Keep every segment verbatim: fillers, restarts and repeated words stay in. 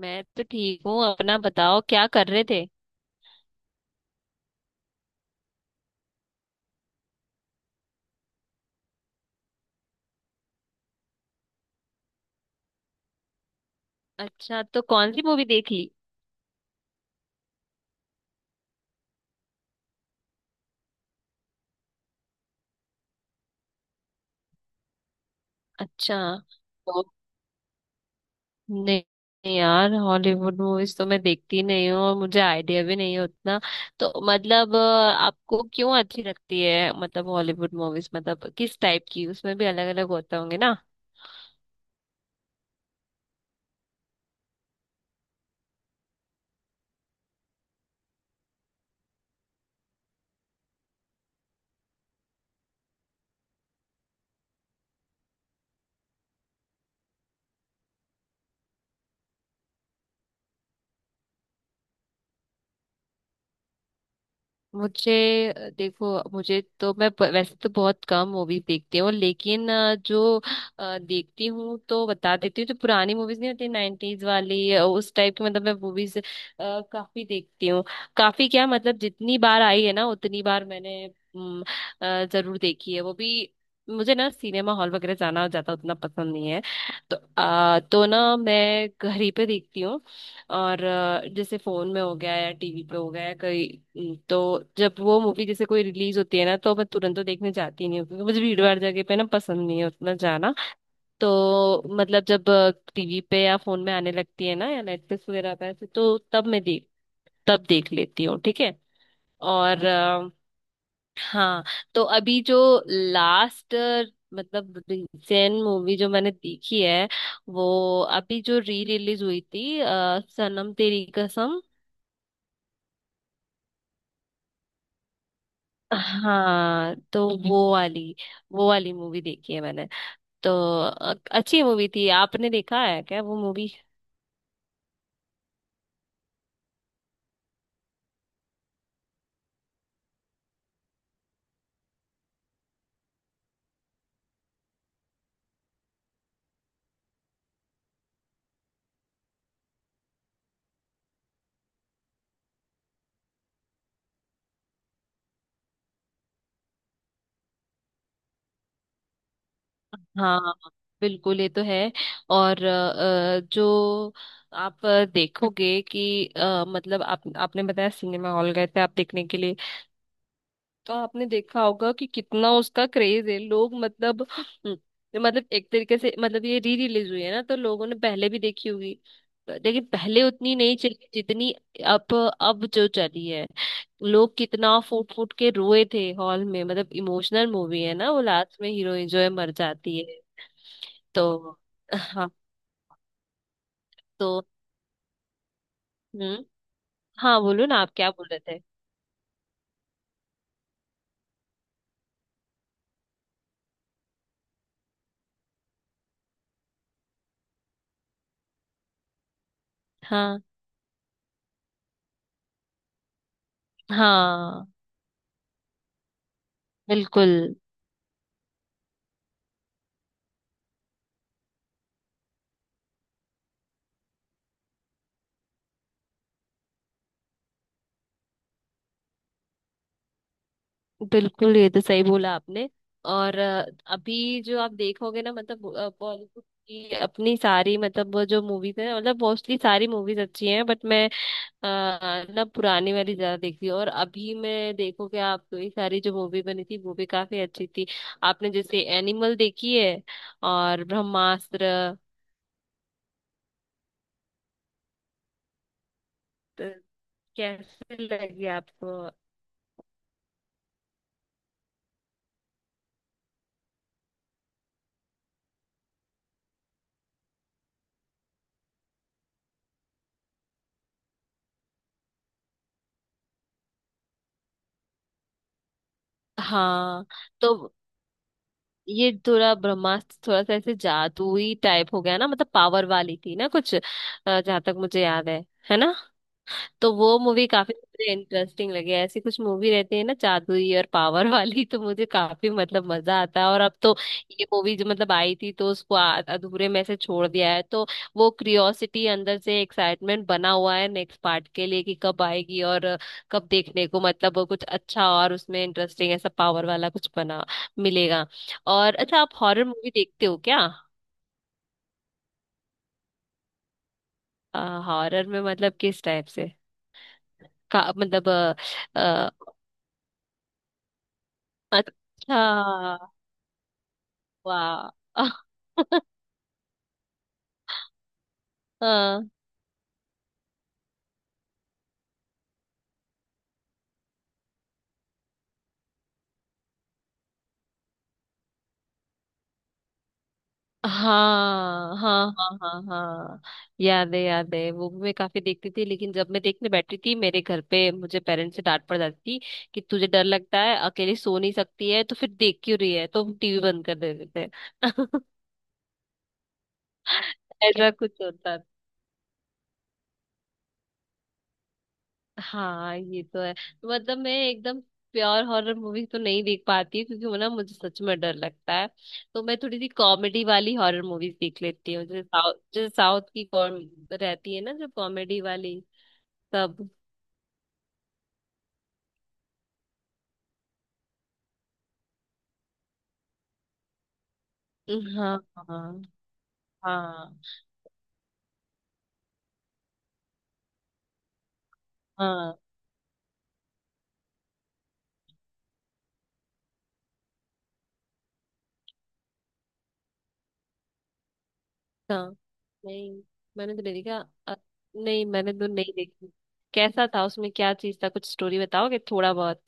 मैं तो ठीक हूँ। अपना बताओ, क्या कर रहे थे। अच्छा, तो कौन सी मूवी देख ली। अच्छा। तो नहीं, नहीं यार, हॉलीवुड मूवीज तो मैं देखती नहीं हूँ और मुझे आइडिया भी नहीं है उतना। तो मतलब अ, आपको क्यों अच्छी लगती है, मतलब हॉलीवुड मूवीज, मतलब किस टाइप की? उसमें भी अलग अलग होते होंगे ना। मुझे अ, देखो, मुझे तो मैं प- वैसे तो बहुत कम मूवीज देखती हूँ, लेकिन अ, जो अ, देखती हूँ तो बता देती हूँ। जो पुरानी मूवीज नहीं होती, नाइन्टीज वाली अ, उस टाइप की, मतलब मैं मूवीज काफी देखती हूँ। काफी क्या मतलब, जितनी बार आई है ना उतनी बार मैंने अम, अ, जरूर देखी है वो भी। मुझे ना सिनेमा हॉल वगैरह जाना ज्यादा उतना पसंद नहीं है, तो अ, तो ना मैं घर ही पे देखती हूँ। और अ, जैसे फोन में हो गया या टीवी पे हो गया या कहीं तो। जब वो मूवी जैसे कोई रिलीज होती है ना, तो मैं तुरंत तो देखने जाती नहीं हूँ, क्योंकि मुझे भीड़ भाड़ जगह पे ना पसंद नहीं है उतना जाना। तो मतलब जब टीवी पे या फोन में आने लगती है ना, या नेटफ्लिक्स वगैरह पे ऐसे, तो तब मैं देख तब देख लेती हूँ ठीक है। और अ, हाँ, तो अभी जो लास्ट, मतलब रिसेंट मूवी जो मैंने देखी है, वो अभी जो री रिलीज हुई थी, अ, सनम तेरी कसम। हाँ, तो वो वाली वो वाली मूवी देखी है मैंने। तो अ- अच्छी मूवी थी। आपने देखा है क्या वो मूवी? हाँ, बिल्कुल ये तो है। और अ, जो आप देखोगे कि अ, मतलब आप आपने बताया सिनेमा हॉल गए थे आप देखने के लिए। तो आपने देखा होगा कि कितना उसका क्रेज है, लोग मतलब हम्म, मतलब एक तरीके से, मतलब ये री रिलीज हुई है ना, तो लोगों ने पहले भी देखी होगी, लेकिन पहले उतनी नहीं चली जितनी अब अब जो चली है। लोग कितना फूट फूट के रोए थे हॉल में, मतलब इमोशनल मूवी है ना, वो लास्ट में हीरोइन जो है मर जाती है। तो हाँ। तो हम्म। हाँ बोलो ना, आप क्या बोल रहे थे? हाँ, हाँ, बिल्कुल। बिल्कुल ये तो सही बोला आपने। और अ, अभी जो आप देखोगे ना, मतलब अ, बॉलीवुड की अपनी सारी, मतलब वो जो मूवीज है, मतलब मोस्टली सारी मूवीज अच्छी हैं, बट मैं अ, ना पुरानी वाली ज्यादा देखती हूँ। और अभी मैं देखोगे आप तो ये सारी जो मूवी बनी थी वो भी काफी अच्छी थी। आपने जैसे एनिमल देखी है और ब्रह्मास्त्र। तो कैसे लगी आपको? हाँ। तो ये थोड़ा, ब्रह्मास्त्र थोड़ा सा ऐसे जादुई टाइप हो गया ना, मतलब पावर वाली थी ना कुछ, अ, जहाँ तक मुझे याद है है ना? तो वो मूवी काफी मुझे इंटरेस्टिंग लगी। ऐसी कुछ मूवी रहती है ना, जादुई और पावर वाली, तो मुझे काफी मतलब मजा आता है। और अब तो ये मूवी जो मतलब आई थी, तो उसको आ- अधूरे में से छोड़ दिया है, तो वो क्यूरियोसिटी, अंदर से एक्साइटमेंट बना हुआ है नेक्स्ट पार्ट के लिए कि कब आएगी और कब देखने को, मतलब वो कुछ अच्छा और उसमें इंटरेस्टिंग ऐसा पावर वाला कुछ बना मिलेगा। और अच्छा, आप हॉरर मूवी देखते हो क्या? हॉरर में मतलब किस टाइप से का मतलब अ, अ, अच्छा। वाह। हाँ, हाँ, हाँ, हाँ, हाँ, हाँ। याद है, याद है, वो भी मैं काफी देखती थी, लेकिन जब मैं देखने बैठती थी मेरे घर पे, मुझे पेरेंट्स से डांट पड़ जाती थी। कि तुझे डर लगता है, अकेली सो नहीं सकती है तो फिर देख क्यों रही है, तो हम टीवी बंद कर देते थे। ऐसा कुछ होता। हाँ ये तो है। मतलब मैं एकदम प्योर हॉरर मूवी तो नहीं देख पाती हूँ, क्योंकि वो ना मुझे सच में डर लगता है। तो मैं थोड़ी सी कॉमेडी वाली हॉरर मूवीज देख लेती हूँ, जैसे साउथ जैसे साउथ की कॉम रहती है ना, जो कॉमेडी वाली। सब। हाँ, हाँ, हाँ, हाँ, हाँ। नहीं मैंने तो नहीं देखा। अ, नहीं मैंने तो नहीं देखी। कैसा था, उसमें क्या चीज था, कुछ स्टोरी बताओगे थोड़ा बहुत?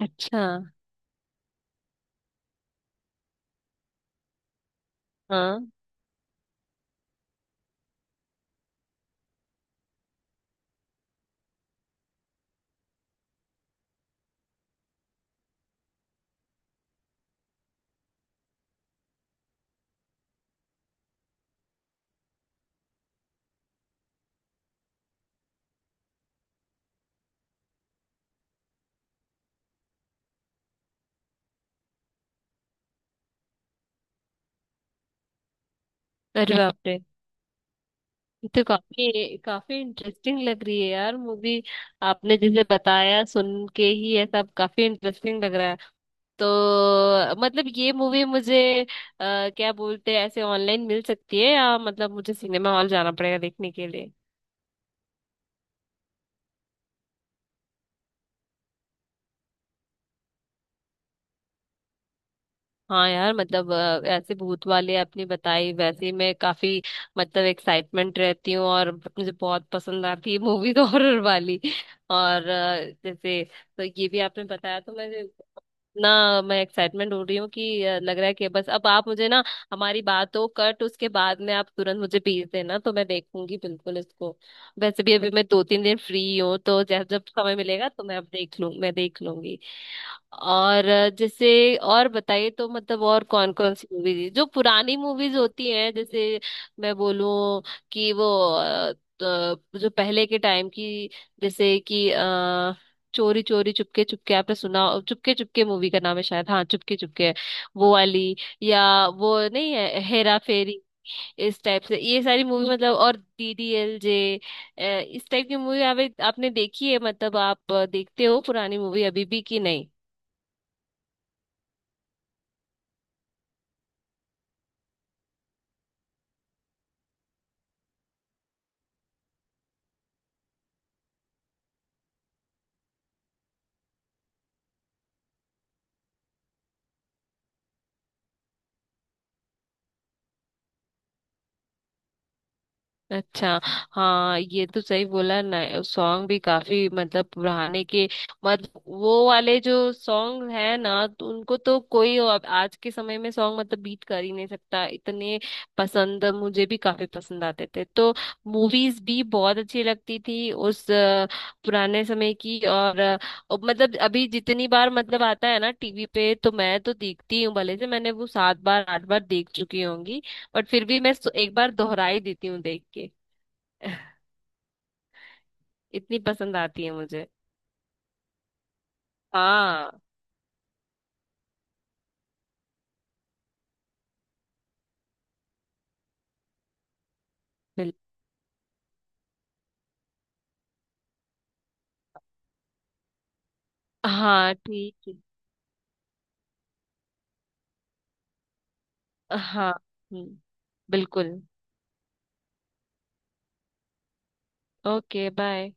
अच्छा। हाँ। अरे बाप रे। तो काफी काफी इंटरेस्टिंग लग रही है यार मूवी। आपने जैसे बताया, सुन के ही ये सब काफी इंटरेस्टिंग लग रहा है। तो मतलब ये मूवी मुझे अ, क्या बोलते हैं, ऐसे ऑनलाइन मिल सकती है, या मतलब मुझे सिनेमा हॉल जाना पड़ेगा देखने के लिए? हाँ यार, मतलब अ, ऐसे भूत वाले आपने बताई, वैसे ही मैं काफी मतलब एक्साइटमेंट रहती हूँ, और मुझे बहुत पसंद आती है मूवीज हॉरर वाली। और अ, जैसे तो ये भी आपने बताया, तो मैं ना, मैं एक्साइटमेंट हो रही हूँ कि अ, लग रहा है कि बस, अब आप मुझे ना, हमारी बात हो कट, उसके बाद में आप तुरंत मुझे भेज देना, तो मैं देखूंगी बिल्कुल इसको। वैसे भी अभी मैं दो तीन दिन फ्री हूँ, तो जब जब समय मिलेगा तो मैं अब देख लूँ मैं देख लूंगी। और अ, जैसे और बताइए तो मतलब, और कौन कौन सी मूवीज जो पुरानी मूवीज होती हैं, जैसे मैं बोलूं कि वो अ, तो जो पहले के टाइम की, जैसे कि अ चोरी चोरी चुपके चुपके, आपने सुना? चुपके चुपके मूवी का नाम है शायद, हाँ चुपके चुपके है। वो वाली, या वो नहीं है, हेरा फेरी, इस टाइप से ये सारी मूवी, मतलब, और डी डी एल जे, इस टाइप की मूवी आप, आपने देखी है, मतलब आप देखते हो पुरानी मूवी अभी भी कि नहीं? अच्छा। हाँ ये तो सही बोला ना। सॉन्ग भी काफी, मतलब पुराने के मत वो वाले जो सॉन्ग है ना, तो उनको तो कोई अब आज के समय में सॉन्ग मतलब बीट कर ही नहीं सकता इतने पसंद। मुझे भी काफी पसंद आते थे, तो मूवीज भी बहुत अच्छी लगती थी उस अ, पुराने समय की। और अ, अब मतलब, अभी जितनी बार मतलब आता है ना टीवी पे, तो मैं तो देखती हूँ, भले से मैंने वो सात बार आठ बार देख चुकी होंगी, बट फिर भी मैं सो- एक बार दोहरा ही देती हूँ देख के। इतनी पसंद आती है मुझे। हाँ। बिल हाँ ठीक है। हाँ। हम्म। बिल्कुल। ओके। बाय।